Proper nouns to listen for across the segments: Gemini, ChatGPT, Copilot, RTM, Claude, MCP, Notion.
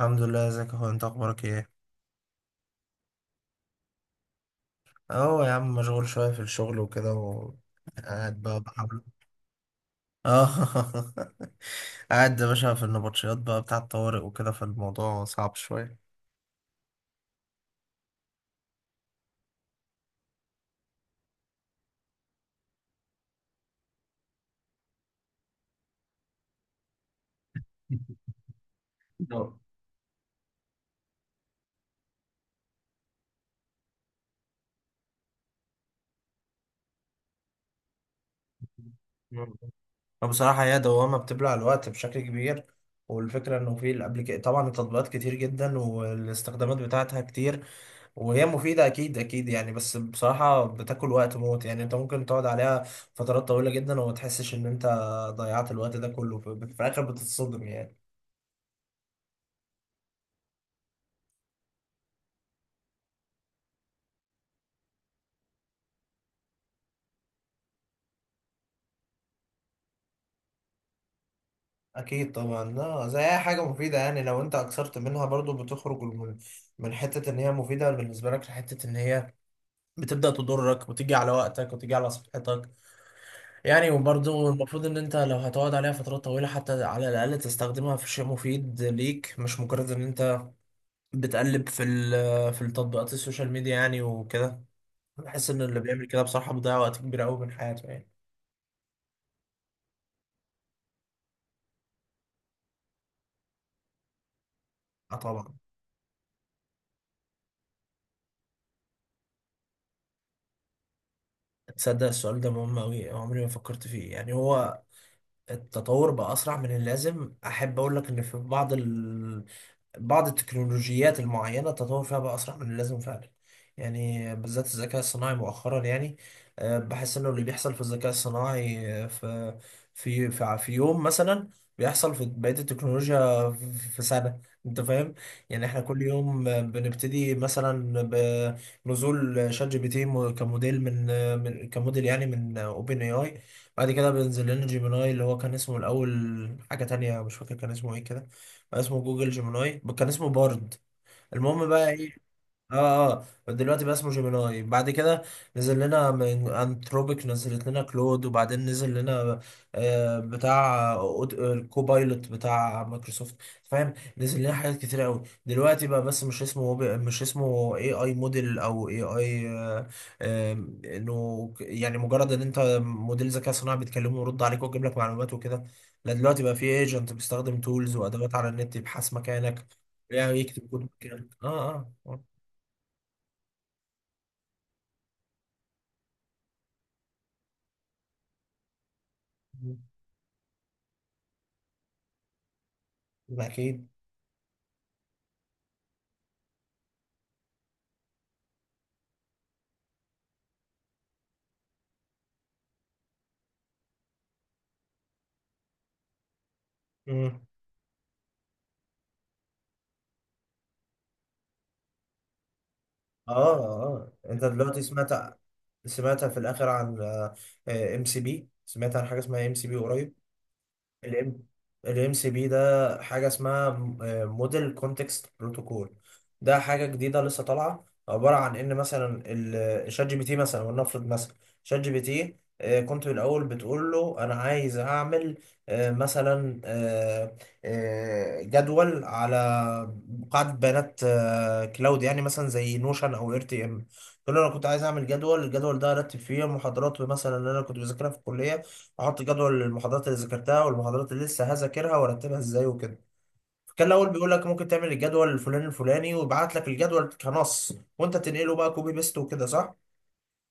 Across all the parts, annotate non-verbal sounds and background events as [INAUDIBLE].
الحمد لله، ازيك يا اخويا؟ انت اخبارك ايه؟ اه يا عم، مشغول شويه في الشغل وكده وقاعد بقى بحاول. اه [LAUGHS] قاعد يا باشا في النبطشيات بقى بتاع الطوارئ وكده، فالموضوع صعب شويه. [LAUGHS] اه. فبصراحه هي دوامه بتبلع الوقت بشكل كبير. والفكره انه في الابليك طبعا التطبيقات كتير جدا والاستخدامات بتاعتها كتير. وهي مفيدة، أكيد أكيد يعني، بس بصراحة بتاكل وقت موت يعني. أنت ممكن تقعد عليها فترات طويلة جدا وما تحسش إن أنت ضيعت الوقت ده كله، في الآخر بتتصدم يعني. أكيد طبعا. لا، زي أي حاجة مفيدة يعني، لو أنت أكثرت منها برضو بتخرج من حتة إن هي مفيدة بالنسبة لك لحتة إن هي بتبدأ تضرك وتيجي على وقتك وتيجي على صحتك يعني. وبرضه المفروض ان انت لو هتقعد عليها فترات طويلة، حتى على الاقل تستخدمها في شيء مفيد ليك، مش مجرد ان انت بتقلب في في التطبيقات السوشيال ميديا يعني وكده. بحس ان اللي بيعمل كده بصراحة بيضيع وقت كبير قوي من حياته يعني. اه طبعا. تصدق السؤال ده مهم أوي، عمري ما فكرت فيه. يعني هو التطور بقى أسرع من اللازم؟ أحب أقول لك إن في بعض التكنولوجيات المعينة التطور فيها بقى أسرع من اللازم فعلا يعني، بالذات الذكاء الصناعي مؤخرا يعني. بحس إنه اللي بيحصل في الذكاء الصناعي، في يوم مثلا بيحصل في بقية التكنولوجيا في سنة. أنت فاهم؟ يعني إحنا كل يوم بنبتدي مثلا بنزول شات جي بي تي كموديل من كموديل يعني من أوبن أي أي. بعد كده بينزل لنا جيميناي اللي هو كان اسمه الأول حاجة تانية، مش فاكر كان اسمه إيه كده. اسمه جوجل جيميناي، كان اسمه بارد. المهم بقى ايه. اه اه، دلوقتي بقى اسمه جيميناي. بعد كده نزل لنا من انتروبيك، نزلت لنا كلود، وبعدين نزل لنا بتاع الكوبايلوت بتاع مايكروسوفت. فاهم، نزل لنا حاجات كتير قوي دلوقتي بقى، بس مش اسمه مش اسمه AI موديل او AI، انه يعني مجرد ان انت موديل ذكاء صناعي بتكلمه ويرد عليك ويجيب لك معلومات وكده. لا، دلوقتي بقى في ايجنت بيستخدم تولز وادوات على النت يبحث مكانك، يعني يكتب كود مكانك. اه اه آه. ما أكيد. مم. اه اه، انت دلوقتي سمعت في الاخر عن MCP؟ سمعت عن حاجه اسمها MCP قريب؟ الام الام سي بي ده حاجه اسمها موديل كونتكست بروتوكول. ده حاجه جديده لسه طالعه، عباره عن ان مثلا الشات جي بي تي مثلا، ولنفرض مثلا شات جي بي تي، كنت الاول بتقول له انا عايز اعمل آه، مثلا آه، آه، جدول على قاعده بيانات كلاود يعني، مثلا زي نوشن او RTM. تقول له انا كنت عايز اعمل جدول، الجدول ده ارتب فيه المحاضرات مثلا اللي انا كنت بذاكرها في الكليه، احط جدول المحاضرات اللي ذاكرتها والمحاضرات اللي لسه هذاكرها وارتبها ازاي وكده. فكان الاول بيقول لك ممكن تعمل الجدول الفلاني الفلاني ويبعت لك الجدول كنص، وانت تنقله بقى كوبي بيست وكده، صح؟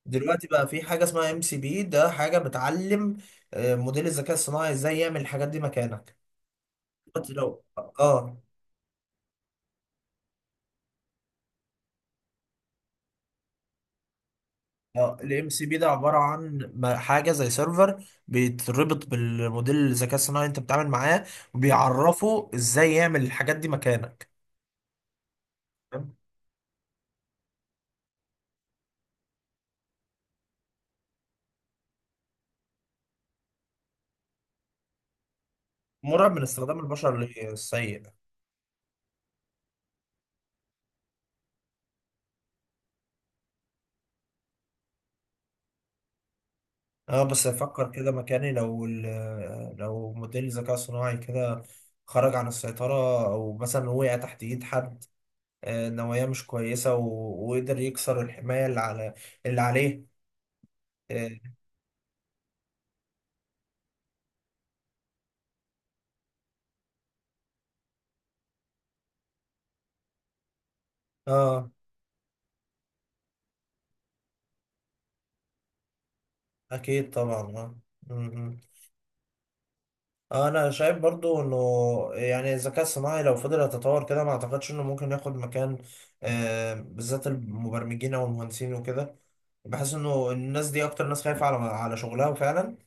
دلوقتي بقى في حاجه اسمها MCP، ده حاجه بتعلم موديل الذكاء الصناعي ازاي يعمل الحاجات دي مكانك. دلوقتي لو اه اه الام سي بي ده عباره عن حاجه زي سيرفر بيتربط بالموديل الذكاء الصناعي اللي انت بتتعامل معاه، وبيعرفه ازاي يعمل الحاجات دي مكانك. مرعب من استخدام البشر للسيء. اه، بس افكر كده مكاني، لو موديل ذكاء صناعي كده خرج عن السيطرة او مثلا وقع تحت ايد حد نوايا مش كويسة، وقدر يكسر الحماية اللي على اللي عليه. اه آه، اكيد طبعا. اه م- م. انا شايف برضو انه يعني الذكاء الصناعي لو فضل يتطور كده، ما اعتقدش انه ممكن ياخد مكان بالذات المبرمجين او المهندسين وكده. بحس انه الناس دي اكتر ناس خايفة على شغلها فعلا.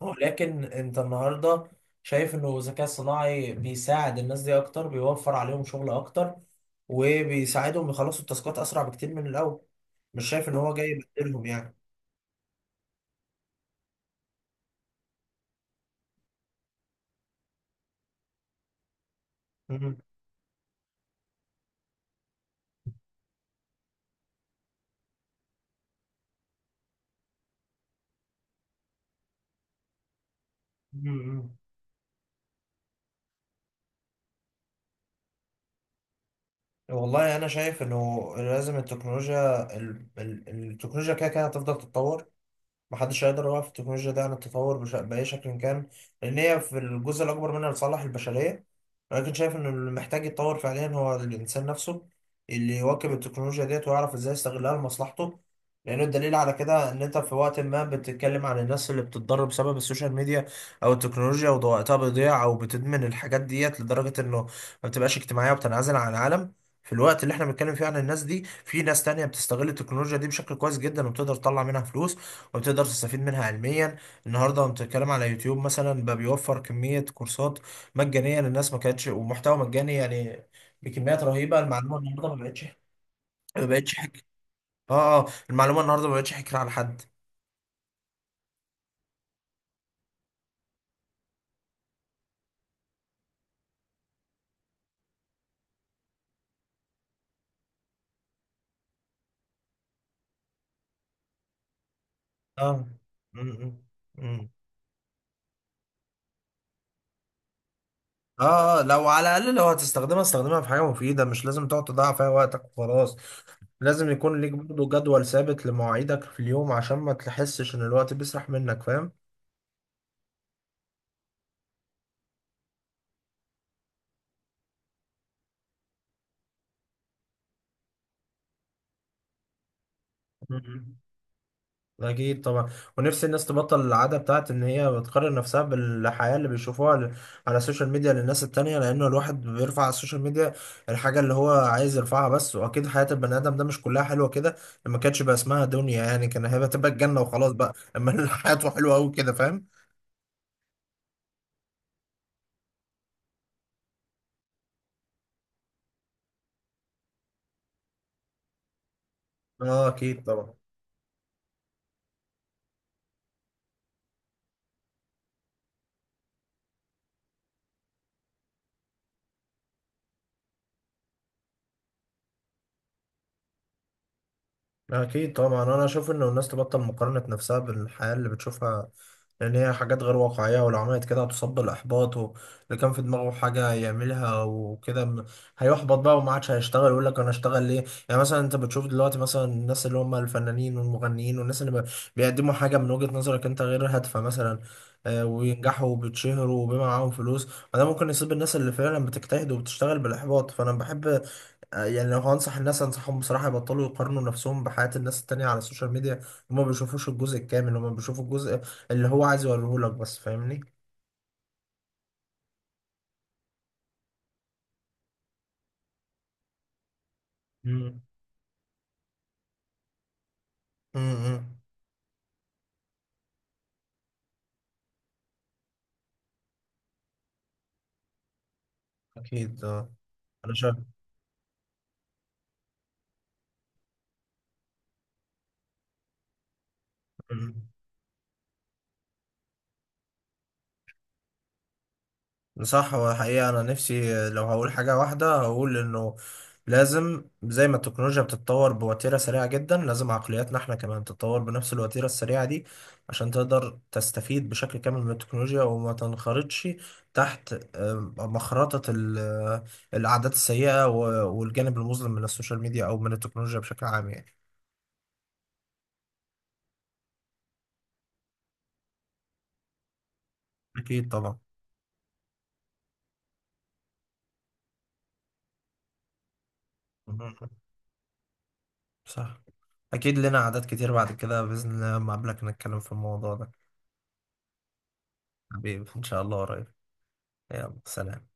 ولكن انت النهاردة شايف انه الذكاء الصناعي بيساعد الناس دي اكتر، بيوفر عليهم شغل اكتر وبيساعدهم يخلصوا التاسكات اسرع بكتير من الاول. مش شايف ان هو جاي يبدلهم يعني. مم. مم. والله انا شايف انه لازم التكنولوجيا، التكنولوجيا كده كده هتفضل تتطور. محدش هيقدر يوقف التكنولوجيا دي عن التطور بأي شكل كان، لأن هي في الجزء الأكبر منها لصالح البشرية. ولكن شايف إن اللي محتاج يتطور فعليا هو الإنسان نفسه، اللي يواكب التكنولوجيا ديت ويعرف إزاي يستغلها لمصلحته. لأنه الدليل على كده إن أنت في وقت ما بتتكلم عن الناس اللي بتتضرر بسبب السوشيال ميديا أو التكنولوجيا وده وقتها بيضيع، أو بتدمن الحاجات ديت لدرجة إنه ما بتبقاش اجتماعية وبتنعزل عن العالم. في الوقت اللي احنا بنتكلم فيه عن الناس دي، في ناس تانية بتستغل التكنولوجيا دي بشكل كويس جدا وبتقدر تطلع منها فلوس او تقدر تستفيد منها علميا. النهارده انت بتتكلم على يوتيوب مثلا، بقى بيوفر كميه كورسات مجانيه للناس ما كانتش، ومحتوى مجاني يعني بكميات رهيبه. المعلومه النهارده ما بقتش، ما بقتش حكر. اه اه، المعلومه النهارده ما بقتش حكر على حد. اه م- م- م. اه لو على الاقل لو هتستخدمها استخدمها في حاجه مفيده، مش لازم تقعد تضيع فيها وقتك وخلاص. لازم يكون ليك برضه جدول ثابت لمواعيدك في اليوم عشان ما تحسش ان الوقت بيسرح منك. فاهم. أكيد طبعا. ونفسي الناس تبطل العادة بتاعت إن هي بتقارن نفسها بالحياة اللي بيشوفوها على السوشيال ميديا للناس التانية، لأنه الواحد بيرفع على السوشيال ميديا الحاجة اللي هو عايز يرفعها بس. وأكيد حياة البني آدم ده مش كلها حلوة كده، ما كانتش بقى اسمها دنيا يعني. كان هيبقى الجنة وخلاص بقى، أما [LAUGHS] حياته حلوة أوي كده، فاهم؟ أه أكيد طبعا. أكيد طبعا، أنا أشوف إنه الناس تبطل مقارنة نفسها بالحياة اللي بتشوفها، لأن هي حاجات غير واقعية، ولو عملت كده هتصاب بالإحباط. واللي كان في دماغه حاجة يعملها وكده هيحبط بقى وما عادش هيشتغل، ويقول لك أنا أشتغل ليه؟ يعني مثلا أنت بتشوف دلوقتي مثلا الناس اللي هم الفنانين والمغنيين والناس اللي بيقدموا حاجة من وجهة نظرك أنت غير هادفة مثلا، وينجحوا وبيتشهروا وبيبقى معاهم فلوس، فده ممكن يصيب الناس اللي فعلا بتجتهد وبتشتغل بالإحباط. فأنا بحب يعني لو هنصح الناس انصحهم بصراحة يبطلوا يقارنوا نفسهم بحياة الناس التانية على السوشيال ميديا. هما ما بيشوفوش الجزء الكامل، هما بيشوفوا الجزء اللي هو عايز يوريه لك بس، فاهمني؟ مم. امم. اكيد آه. انا شايف. صح، هو حقيقة أنا نفسي لو هقول حاجة واحدة هقول إنه لازم زي ما التكنولوجيا بتتطور بوتيرة سريعة جدا، لازم عقلياتنا إحنا كمان تتطور بنفس الوتيرة السريعة دي عشان تقدر تستفيد بشكل كامل من التكنولوجيا، وما تنخرطش تحت مخرطة العادات السيئة والجانب المظلم من السوشيال ميديا أو من التكنولوجيا بشكل عام يعني. أكيد طبعا. [LAUGHS] مهم. صح. أكيد لنا عادات كتير بعد كده بإذن الله لما أقابلك نتكلم في الموضوع ده. حبيبي إن شاء الله قريب. يلا سلام.